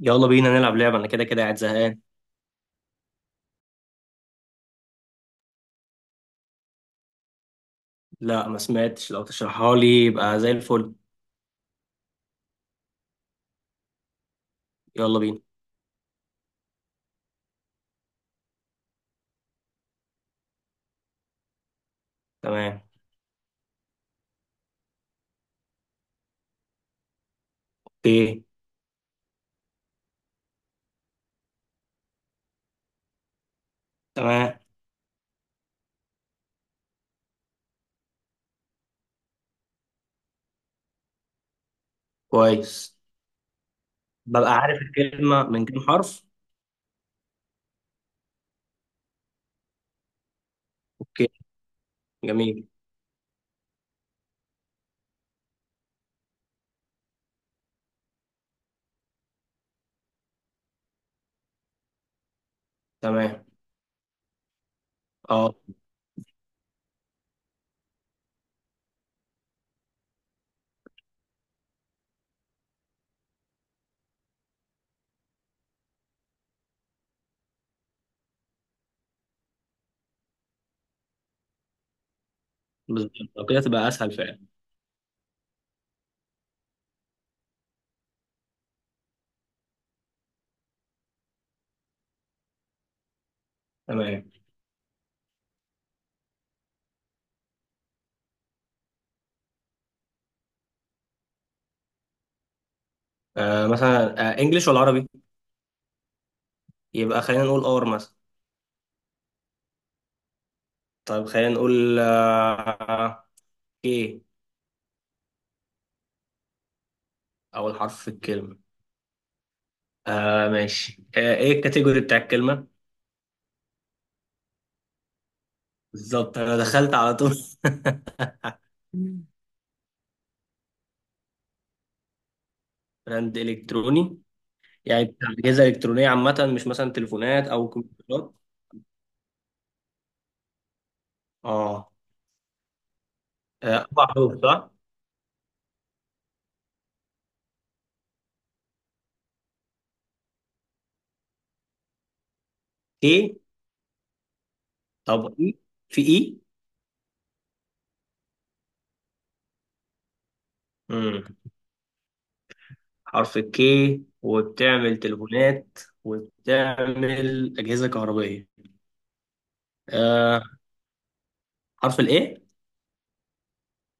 يلا بينا نلعب لعبة. أنا كده قاعد زهقان. لا ما سمعتش، لو تشرحها لي يبقى زي الفل. يلا بينا. تمام. اوكي. تمام. كويس. ببقى عارف الكلمة من كام حرف؟ اوكي. جميل. تمام. اه. بالظبط، لو كده تبقى أسهل فعلا. تمام. مثلا إنجليش ولا عربي؟ يبقى خلينا نقول أور مثلا. طيب خلينا نقول إيه. أول حرف في الكلمة. آه ماشي، إيه الكاتيجوري بتاع الكلمة؟ بالظبط، أنا دخلت على طول. براند الكتروني؟ يعني بتاع اجهزه الكترونيه عامه، مش مثلا تليفونات او كمبيوترات؟ اه. اربع حروف صح؟ كي. طب اي. في اي. امم حرف الكي، وبتعمل تليفونات وبتعمل اجهزه كهربائيه. آه. حرف الايه.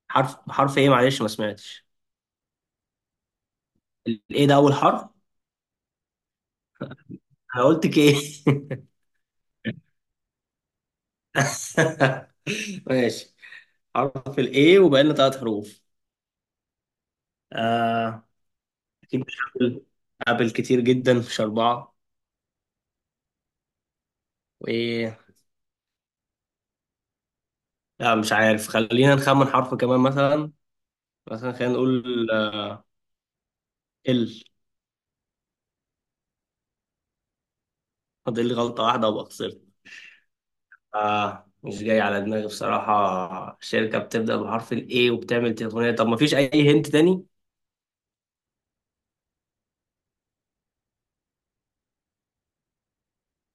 حرف ايه معلش ما سمعتش. الايه ده اول حرف؟ انا قلت كي. ماشي. حرف الايه وبقى لنا ثلاث حروف. آه. اكيد مش ابل، ابل كتير جدا مش اربعه. وايه. لا مش عارف، خلينا نخمن حرف كمان مثلا. مثلا خلينا نقول ال. فاضل لي غلطة واحدة وابقى خسرت. آه مش جاي على دماغي بصراحة، شركة بتبدأ بحرف ال A وبتعمل تليفونات؟ طب ما فيش أي هنت تاني؟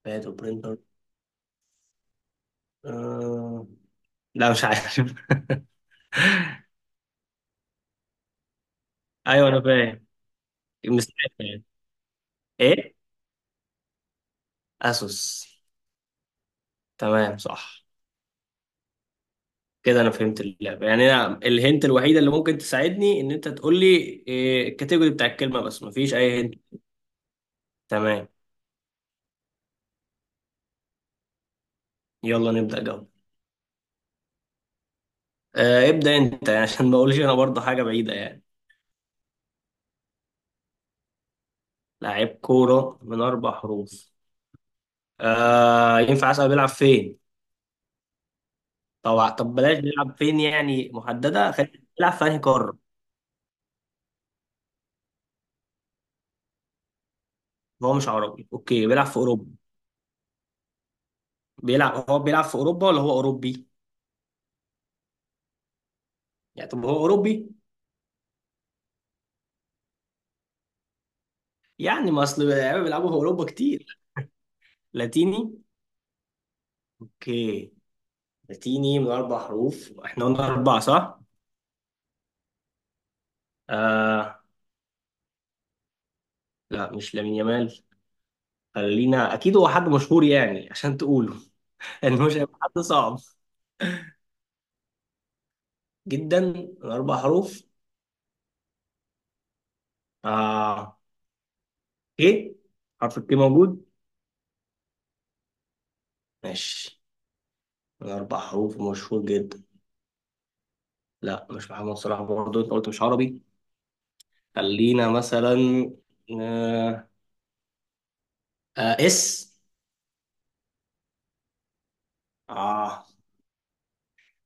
باد وبرينتر. آه. لا مش عارف. أيوه أنا فاهم. مستعد يعني. إيه؟ أسوس. تمام صح. كده أنا فهمت اللعبة، يعني أنا الهنت الوحيدة اللي ممكن تساعدني إن أنت تقول لي إيه الكاتيجوري بتاع الكلمة، بس مفيش أي هنت. تمام. يلا نبدأ جولة. آه ابدأ انت، يعني عشان ما اقولش انا برضه حاجة بعيدة يعني. لاعب كورة من اربع حروف. آه ينفع اسأل بيلعب فين؟ طبعا. طب بلاش بيلعب فين، يعني محددة، خلينا بيلعب في انهي قارة. هو مش عربي، اوكي بيلعب في اوروبا. بيلعب، هو بيلعب في اوروبا ولا هو اوروبي؟ يعني طب هو اوروبي؟ يعني ما اصل اللعيبه بيلعبوا في اوروبا كتير. لاتيني. اوكي. لاتيني من اربع حروف، احنا قلنا اربعة صح؟ آه. لا مش لامين يامال. خلينا، اكيد هو حد مشهور يعني عشان تقوله. انه مش هيبقى حد صعب جدا. من اربع حروف. اه. ايه. حرف الكي موجود؟ ماشي. من اربع حروف مشهور جدا. لا مش محمد صلاح، برضه انت قلت مش عربي. خلينا مثلا آه. آه. اس. اه.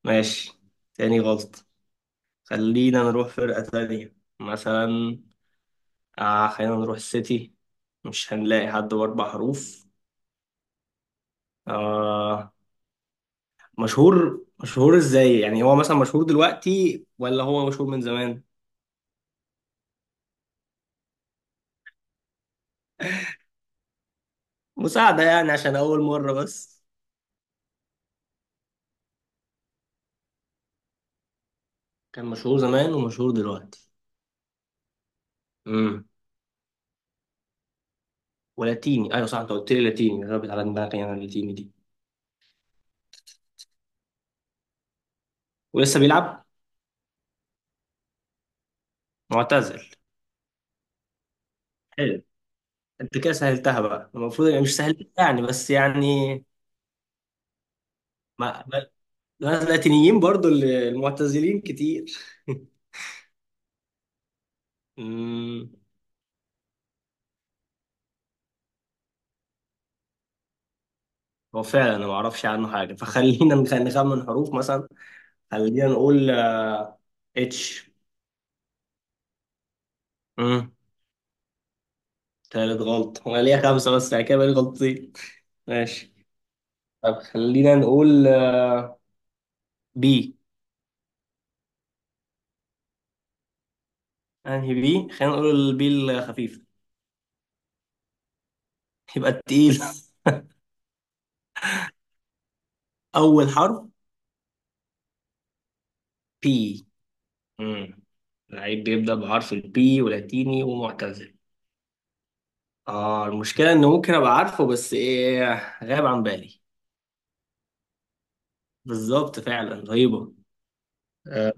ماشي. تاني غلط. خلينا نروح فرقة تانية مثلا. آه خلينا نروح السيتي، مش هنلاقي حد بأربع حروف. آه. مشهور، مشهور ازاي يعني؟ هو مثلا مشهور دلوقتي ولا هو مشهور من زمان؟ مساعدة يعني عشان أول مرة بس. كان مشهور زمان ومشهور دلوقتي. امم. ولاتيني. أيوة صح أنت قلت لي لاتيني، غابت على دماغي أنا اللاتيني دي. ولسه بيلعب؟ معتزل. حلو. أنت كده سهلتها بقى، المفروض يعني، مش سهلتها يعني بس يعني. ما ما- ما اللاتينيين برضو المعتزلين كتير. امم. هو فعلا أنا ما أعرفش عنه حاجة، فخلينا نخمن حروف مثلا. خلينا نقول اتش. امم. تالت غلط، انا ليا خمسة بس يعني كده بقالي غلطتين. ماشي. طب خلينا نقول بي. انهي بي؟ خلينا نقول البي الخفيف. يبقى التقيل. اول حرف. بي. امم. لعيب بيبدأ بحرف البي ولاتيني ومعتزل. اه المشكلة ان ممكن ابقى عارفه، بس ايه، غاب عن بالي. بالظبط فعلا رهيبة. آه.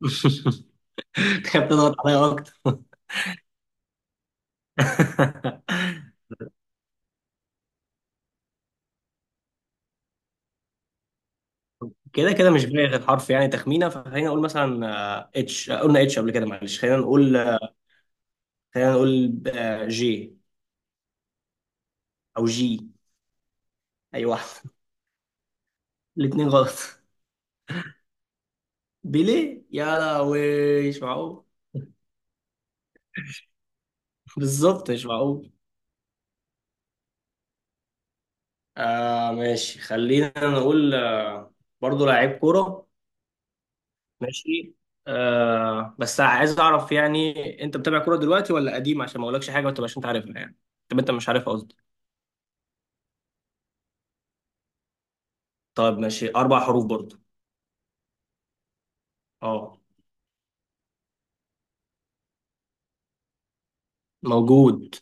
تخاف تضغط عليا اكتر. كده مش باقي غير حرف يعني تخمينه، فخلينا نقول مثلا اتش. قلنا اتش قبل كده معلش. خلينا نقول خلينا نقول جي. او جي. اي واحد. الاثنين غلط. بيليه؟ يا لهوي مش معقول. بالظبط مش معقول. ماشي خلينا نقول آه، برضه لعيب كوره. ماشي. آه بس عايز اعرف يعني، انت بتابع كوره دلوقتي ولا قديم، عشان ما اقولكش حاجه ما تبقاش انت عارفها يعني. طب انت مش عارفها قصدي. طيب ماشي، اربع حروف برضه. اه. موجود.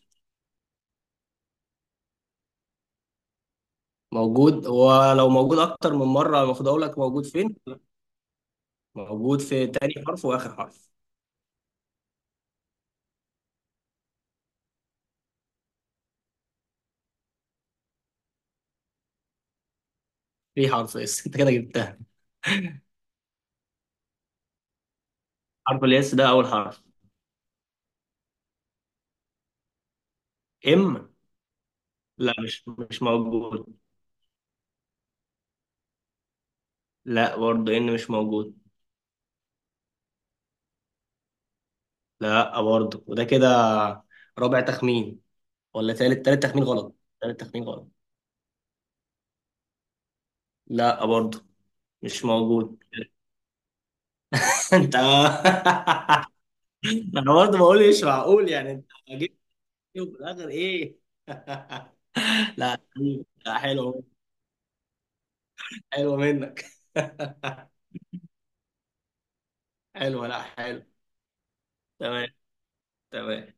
موجود، ولو موجود اكتر من مره المفروض اقول لك موجود فين. موجود في تاني حرف واخر حرف. في حرف اس؟ انت كده جبتها. حرف الاس ده اول حرف. ام. لا مش موجود. لا برضه ان مش موجود. لا برضه، وده كده رابع تخمين، ولا تالت، تالت تخمين غلط. تالت تخمين غلط. لا برضه، مش موجود. انت انا. برضه بقول مش معقول يعني، انت جبت في الاخر ايه. لا. حلو. حلو منك. حلو. لا حلو. تمام. تمام.